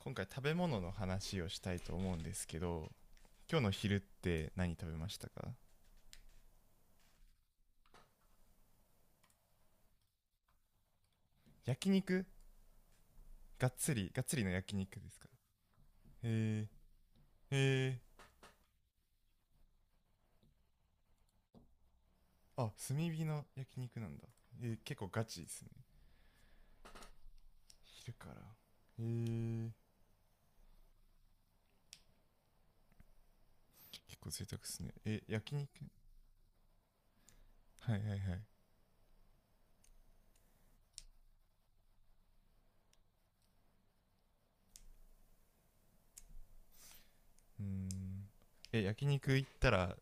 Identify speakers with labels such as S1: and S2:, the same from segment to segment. S1: 今回食べ物の話をしたいと思うんですけど、今日の昼って何食べましたか？焼肉、がっつりがっつりの焼肉ですか？へえ、へえ。あ、炭火の焼肉なんだ。結構ガチですね。昼から。へえ。結構贅沢ですねえ、焼肉。はいはいはい。うーん。焼肉行ったら、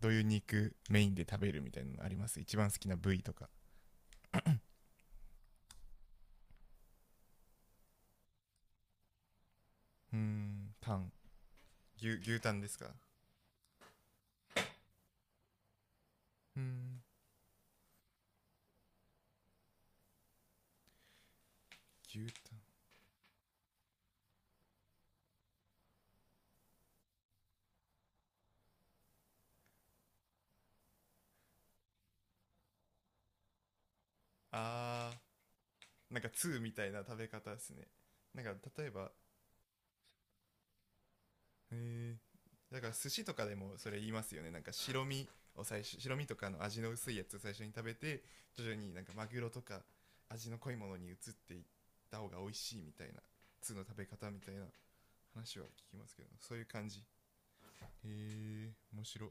S1: どういう肉メインで食べるみたいなのあります？一番好きな部位とか？うーん、タン、牛タンですか？うーん、牛タン。あー、なんかーみたいな食べ方ですね。なんか、例えば、えーだから寿司とかでもそれ言いますよね。なんか白身を最初、白身とかの味の薄いやつを最初に食べて、徐々になんかマグロとか味の濃いものに移っていった方が美味しいみたいなーの食べ方みたいな話は聞きますけど、そういう感じ。へえ、面白い。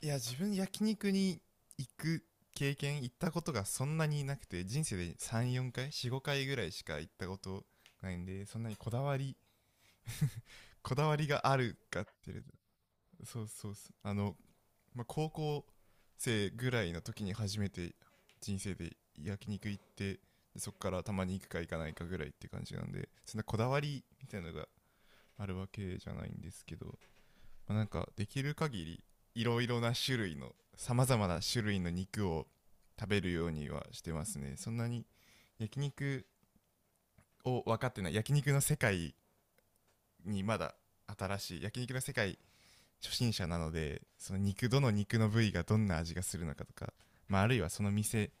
S1: いや、自分焼肉に行く経験、行ったことがそんなになくて、人生で34回、45回ぐらいしか行ったことないんで、そんなにこだわりがあるかっていうと、そうそうそう、あの、まあ、高校生ぐらいの時に初めて人生で焼肉行って、でそこからたまに行くか行かないかぐらいって感じなんで、そんなこだわりみたいなのがあるわけじゃないんですけど、まあ、なんかできる限りいろいろな種類の、さまざまな種類の肉を食べるようにはしてますね。そんなに焼肉を分かってない、焼肉の世界にまだ、新しい焼肉の世界、初心者なので、その肉、どの肉の部位がどんな味がするのかとか、まあ、あるいはその店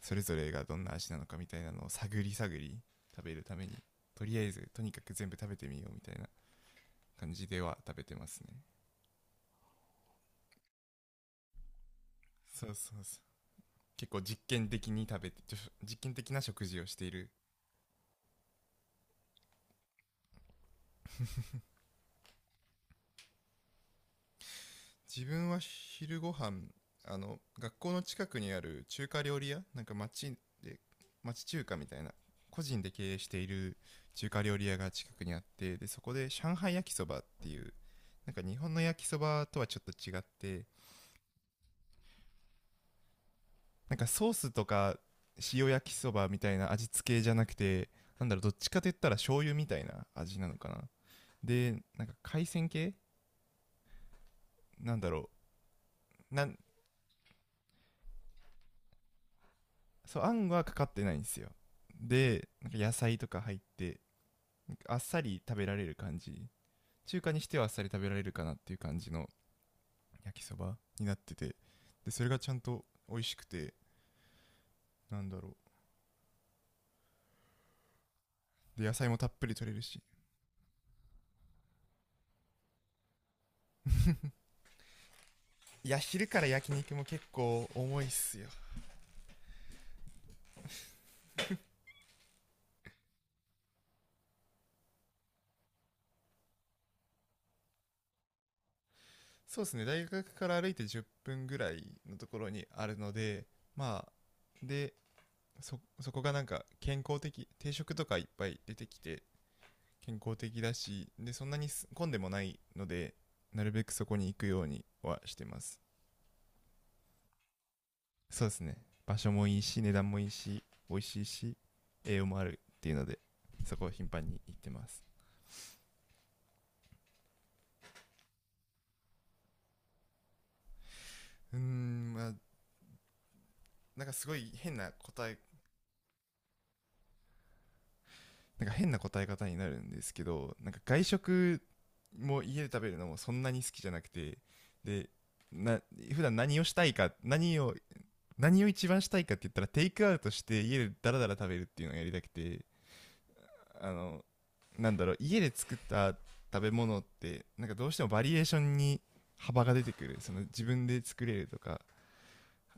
S1: それぞれがどんな味なのかみたいなのを探り探り食べるために、とりあえずとにかく全部食べてみようみたいな感じでは食べてますね。そうそうそう、結構実験的に食べて、実験的な食事をしている。自分は昼ご飯、あの、学校の近くにある中華料理屋、なんか町で町中華みたいな、個人で経営している中華料理屋が近くにあって、でそこで上海焼きそばっていう、なんか日本の焼きそばとはちょっと違って、なんかソースとか塩焼きそばみたいな味付けじゃなくて、なんだろう、どっちかといったら醤油みたいな味なのかな。でなんか海鮮系、なんだろうな。そう、あんはかかってないんですよ。でなんか野菜とか入って、あっさり食べられる感じ、中華にしてはあっさり食べられるかなっていう感じの焼きそばになってて、でそれがちゃんと美味しくて、なんだろう、で野菜もたっぷり取れるし。いや、昼から焼肉も結構重いっすよ。そうですね、大学から歩いて10分ぐらいのところにあるので、まあ、でそこがなんか健康的定食とかいっぱい出てきて、健康的だし、でそんなに混んでもないので、なるべくそこに行くようにはしてます。そうですね、場所もいいし、値段もいいし、美味しいし、栄養もあるっていうので、そこを頻繁に行ってます。うーん、まあ、なんかすごい変な答え、なんか変な答え方になるんですけど、なんか外食も家で食べるのもそんなに好きじゃなくて、で、な普段何をしたいか、何を一番したいかって言ったらテイクアウトして家でダラダラ食べるっていうのをやりたくて、あの、なんだろう、家で作った食べ物ってなんかどうしてもバリエーションに幅が出てくる、その、自分で作れるとか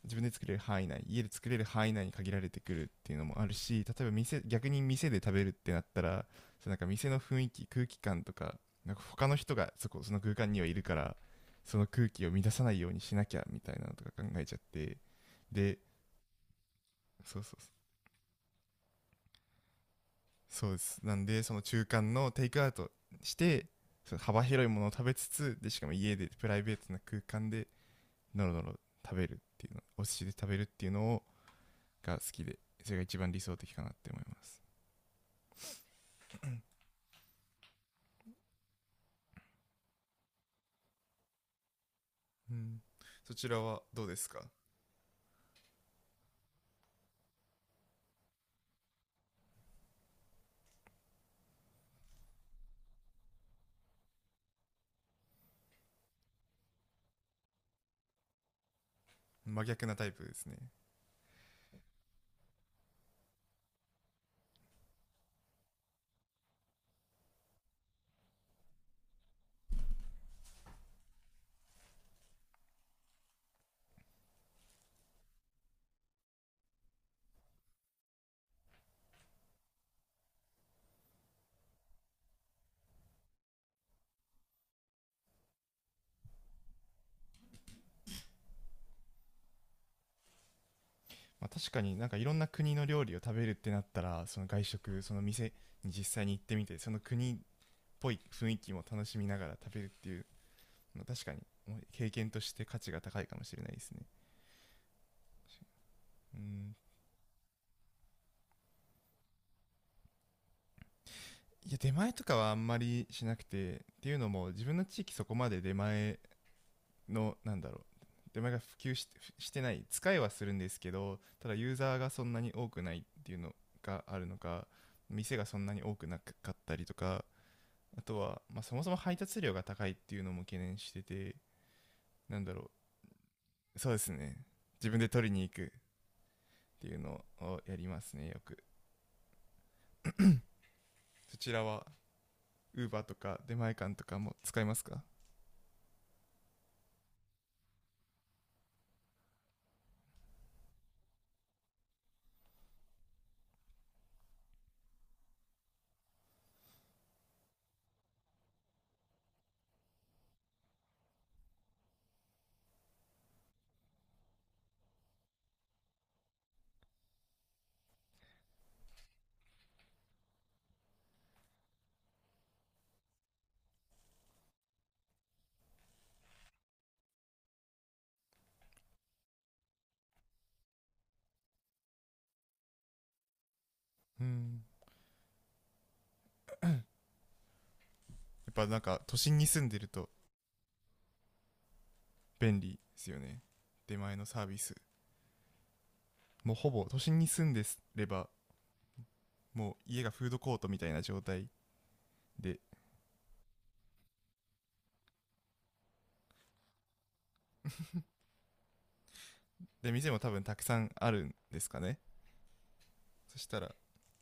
S1: 自分で作れる範囲内、家で作れる範囲内に限られてくるっていうのもあるし、例えば店、逆に店で食べるってなったら、その、なんか店の雰囲気、空気感とか、なんか他の人がそこ、その空間にはいるから、その空気を乱さないようにしなきゃみたいなのとか考えちゃって、で、そうそう、そうです。なんで、その中間のテイクアウトして、その幅広いものを食べつつ、でしかも家でプライベートな空間でノロノロ食べるっていうの、お寿司で食べるっていうのをが好きで、それが一番理想的かなって思います。うん、そちらはどうですか？真逆なタイプですね。まあ、確かに、なんかいろんな国の料理を食べるってなったら、その外食、その店に実際に行ってみて、その国っぽい雰囲気も楽しみながら食べるっていうのは、確かに経験として価値が高いかもしれないですね。うん。いや、出前とかはあんまりしなくて、っていうのも自分の地域、そこまで出前の、なんだろう、出前が普及してない、使いはするんですけど、ただユーザーがそんなに多くないっていうのがあるのか、店がそんなに多くなかったりとか、あとは、まあ、そもそも配達料が高いっていうのも懸念してて、なんだろう。そうですね、自分で取りに行くっていうのをやりますね、よく。そちらは Uber とか出前館とかも使いますか？うん、なんか都心に住んでると便利ですよね、出前のサービス。もうほぼ都心に住んでれば、もう家がフードコートみたいな状態で。 で店も多分たくさんあるんですかね、そしたら。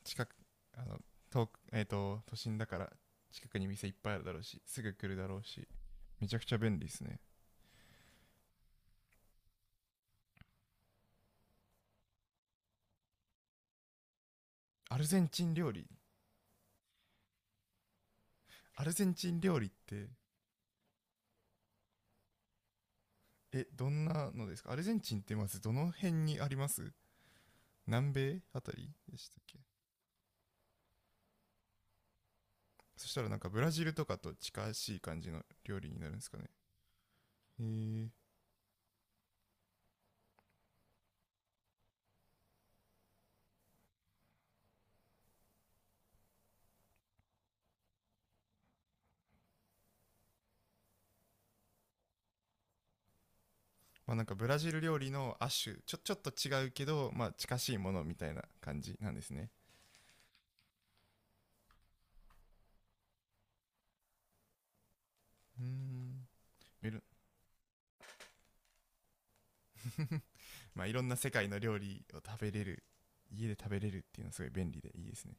S1: 近く、あの遠く、都心だから、近くに店いっぱいあるだろうし、すぐ来るだろうし、めちゃくちゃ便利ですね。アルゼンチン料理、アルゼンチン料理って、どんなのですか？アルゼンチンってまずどの辺にあります？南米あたりでしたっけ？そしたらなんかブラジルとかと近しい感じの料理になるんですかね。へえ。まあ、なんかブラジル料理の亜種、ちょっと違うけど、まあ近しいものみたいな感じなんですね。うーん、いろ まあ、いろんな世界の料理を食べれる、家で食べれるっていうのはすごい便利でいいですね。